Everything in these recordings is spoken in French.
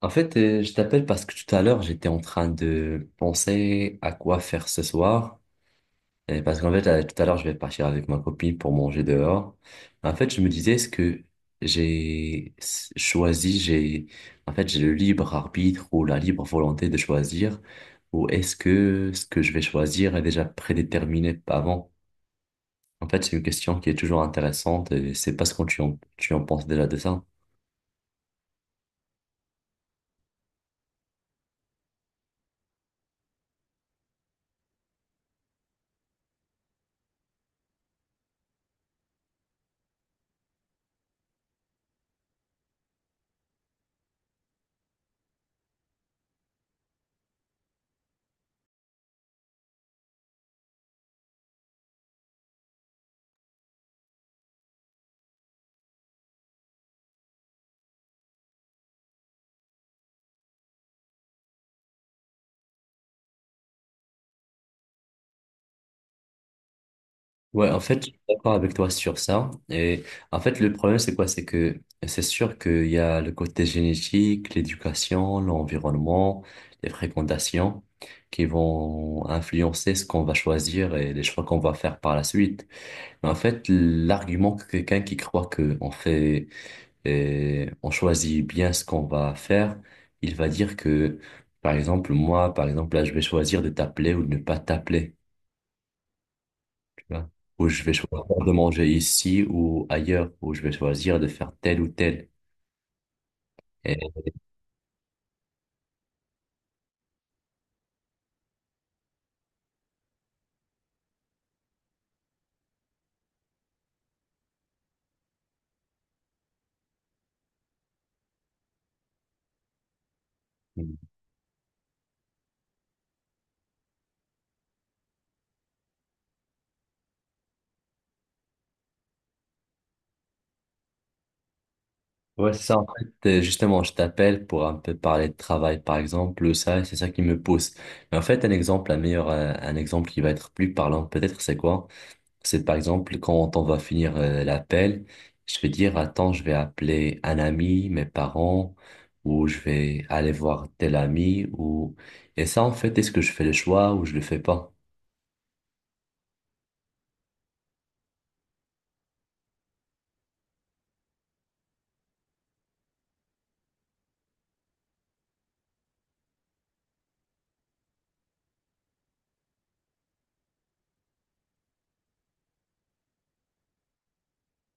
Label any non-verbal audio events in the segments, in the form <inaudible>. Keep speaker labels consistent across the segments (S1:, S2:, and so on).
S1: En fait, je t'appelle parce que tout à l'heure, j'étais en train de penser à quoi faire ce soir. Et parce qu'en fait, tout à l'heure, je vais partir avec ma copine pour manger dehors. En fait, je me disais, est-ce que j'ai s- choisi, j'ai, en fait, j'ai le libre arbitre ou la libre volonté de choisir, ou est-ce que ce que je vais choisir est déjà prédéterminé avant? En fait, c'est une question qui est toujours intéressante et c'est pas ce que tu en penses déjà de ça. Ouais, en fait, je suis d'accord avec toi sur ça. Et en fait, le problème, c'est quoi? C'est que c'est sûr qu'il y a le côté génétique, l'éducation, l'environnement, les fréquentations qui vont influencer ce qu'on va choisir et les choix qu'on va faire par la suite. Mais en fait, l'argument que quelqu'un qui croit que on fait, et on choisit bien ce qu'on va faire, il va dire que, par exemple, moi, par exemple, là, je vais choisir de t'appeler ou de ne pas t'appeler, tu vois, où je vais choisir de manger ici ou ailleurs, où je vais choisir de faire tel ou tel. Et, ouais, c'est ça, en fait, justement, je t'appelle pour un peu parler de travail, par exemple, ça, c'est ça qui me pousse. Mais en fait, un exemple, un meilleur, un exemple qui va être plus parlant, peut-être, c'est quoi? C'est par exemple, quand on va finir l'appel, je vais dire, attends, je vais appeler un ami, mes parents, ou je vais aller voir tel ami, ou. Et ça, en fait, est-ce que je fais le choix ou je le fais pas?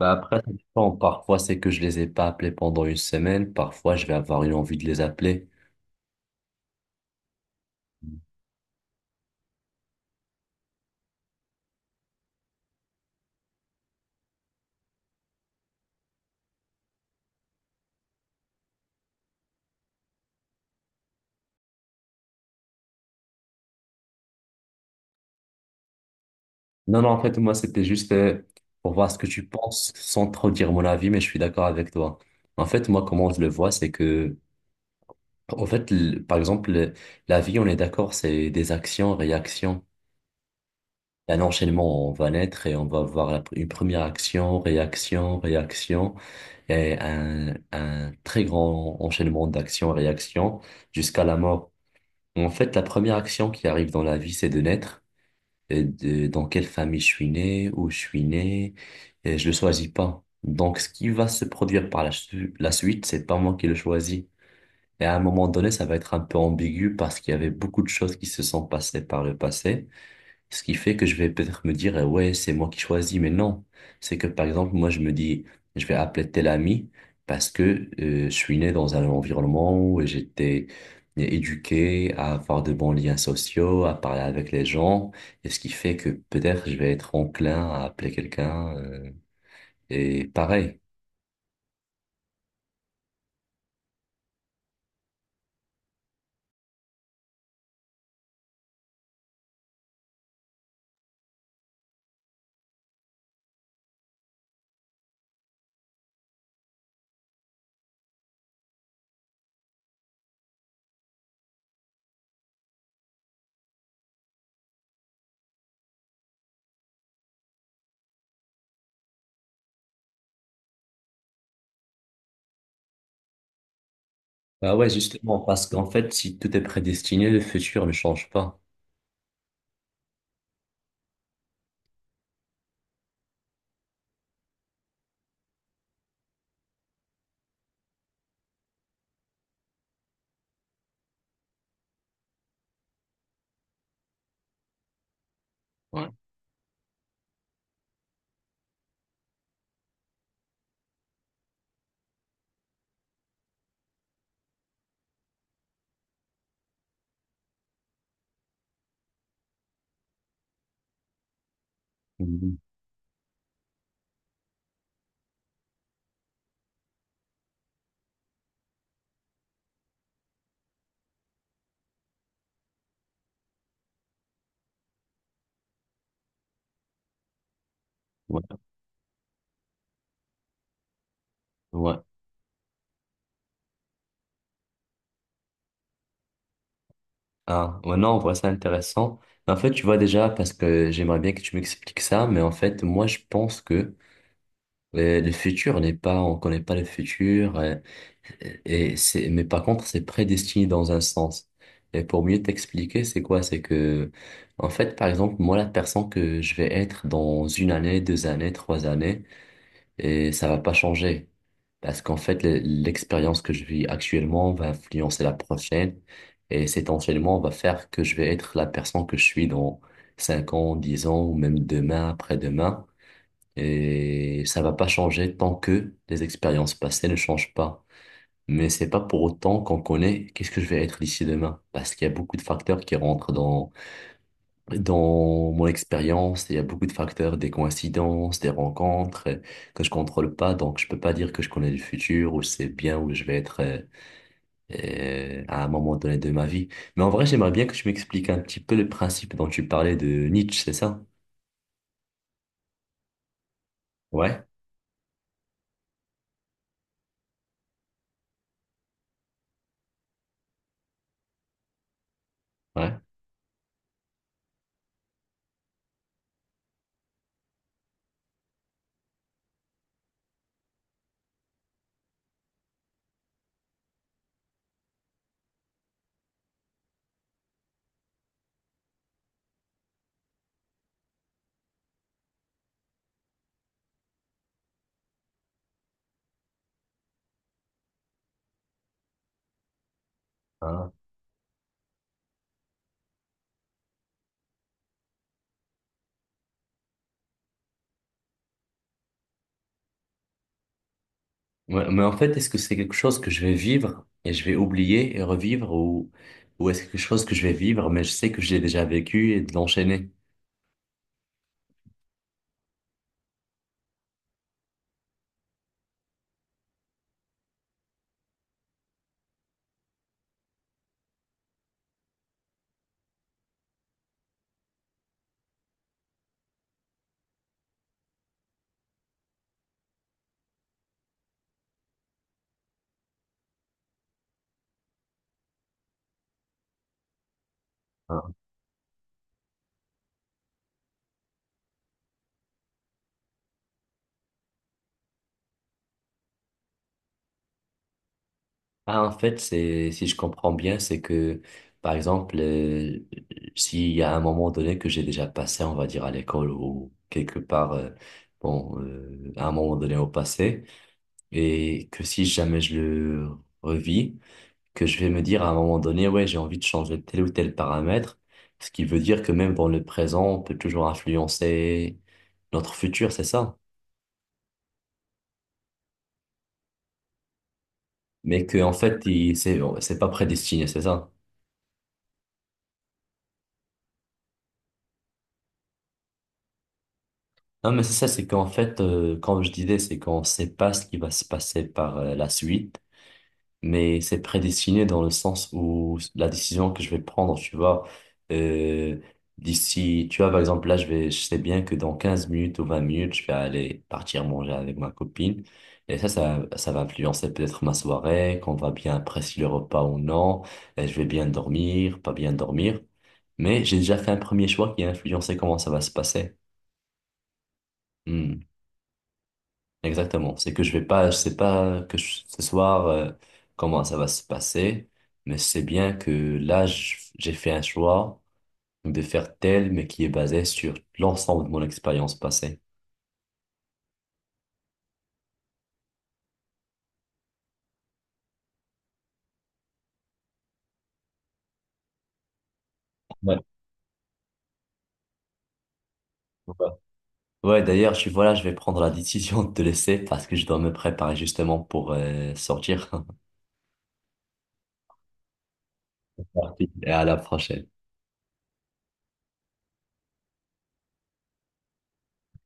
S1: Bah après, ça dépend. Parfois, c'est que je les ai pas appelés pendant une semaine. Parfois, je vais avoir une envie de les appeler. Non, non, en fait, moi, c'était juste pour voir ce que tu penses sans trop dire mon avis, mais je suis d'accord avec toi. En fait, moi, comment je le vois, c'est que, en fait, par exemple, la vie, on est d'accord, c'est des actions, réactions. Il y a un enchaînement, on va naître et on va avoir une première action, réaction, réaction, et un très grand enchaînement d'actions, réactions jusqu'à la mort. En fait, la première action qui arrive dans la vie, c'est de naître. Et de, dans quelle famille je suis né, où je suis né, et je le choisis pas. Donc, ce qui va se produire par la suite, c'est pas moi qui le choisis. Et à un moment donné, ça va être un peu ambigu parce qu'il y avait beaucoup de choses qui se sont passées par le passé. Ce qui fait que je vais peut-être me dire, ouais, c'est moi qui choisis, mais non. C'est que, par exemple, moi, je me dis, je vais appeler tel ami parce que je suis né dans un environnement où j'étais éduqué à avoir de bons liens sociaux, à parler avec les gens, et ce qui fait que peut-être je vais être enclin à appeler quelqu'un, et pareil. Bah ouais, justement, parce qu'en fait, si tout est prédestiné, le futur ne change pas. Ouais. Mhm. Ouais, ouais. Ah, ouais, non, on voit ça intéressant. En fait, tu vois déjà, parce que j'aimerais bien que tu m'expliques ça, mais en fait, moi, je pense que le futur n'est pas, on connaît pas le futur, et c'est, mais par contre, c'est prédestiné dans un sens. Et pour mieux t'expliquer, c'est quoi? C'est que, en fait, par exemple, moi, la personne que je vais être dans une année, 2 années, 3 années, et ça va pas changer. Parce qu'en fait, l'expérience que je vis actuellement va influencer la prochaine et cet enchaînement va faire que je vais être la personne que je suis dans 5 ans, 10 ans ou même demain, après-demain. Et ça va pas changer tant que les expériences passées ne changent pas. Mais c'est pas pour autant qu'on connaît qu'est-ce que je vais être d'ici demain. Parce qu'il y a beaucoup de facteurs qui rentrent dans mon expérience, il y a beaucoup de facteurs, des coïncidences, des rencontres, que je contrôle pas, donc je peux pas dire que je connais le futur ou je sais bien où je vais être, à un moment donné de ma vie. Mais en vrai, j'aimerais bien que tu m'expliques un petit peu le principe dont tu parlais de Nietzsche, c'est ça? Ouais, ouais. Ah. Ouais, mais en fait, est-ce que c'est quelque chose que je vais vivre et je vais oublier et revivre ou est-ce quelque chose que je vais vivre mais je sais que j'ai déjà vécu et de l'enchaîner? Ah, en fait, c'est, si je comprends bien, c'est que, par exemple, s'il y a un moment donné que j'ai déjà passé, on va dire à l'école ou quelque part, bon, à un moment donné au passé, et que si jamais je le revis, que je vais me dire à un moment donné, ouais, j'ai envie de changer tel ou tel paramètre, ce qui veut dire que même dans le présent, on peut toujours influencer notre futur, c'est ça? Mais que, en fait, c'est, pas prédestiné, c'est ça? Non, mais c'est ça, c'est qu'en fait, comme je disais, c'est qu'on ne sait pas ce qui va se passer par la suite, mais c'est prédestiné dans le sens où la décision que je vais prendre, tu vois, euh, d'ici, tu vois, par exemple, là, je vais, je sais bien que dans 15 minutes ou 20 minutes, je vais aller partir manger avec ma copine, et ça va influencer peut-être ma soirée, qu'on va bien apprécier le repas ou non, et je vais bien dormir, pas bien dormir, mais j'ai déjà fait un premier choix qui a influencé comment ça va se passer. Hmm. Exactement. C'est que je vais pas, je sais pas que ce soir, comment ça va se passer, mais c'est bien que là, j'ai fait un choix de faire tel, mais qui est basé sur l'ensemble de mon expérience passée. Ouais. Ouais, Ouais, d'ailleurs, je suis, voilà, je vais prendre la décision de te laisser parce que je dois me préparer justement pour sortir. <laughs> Et à la prochaine.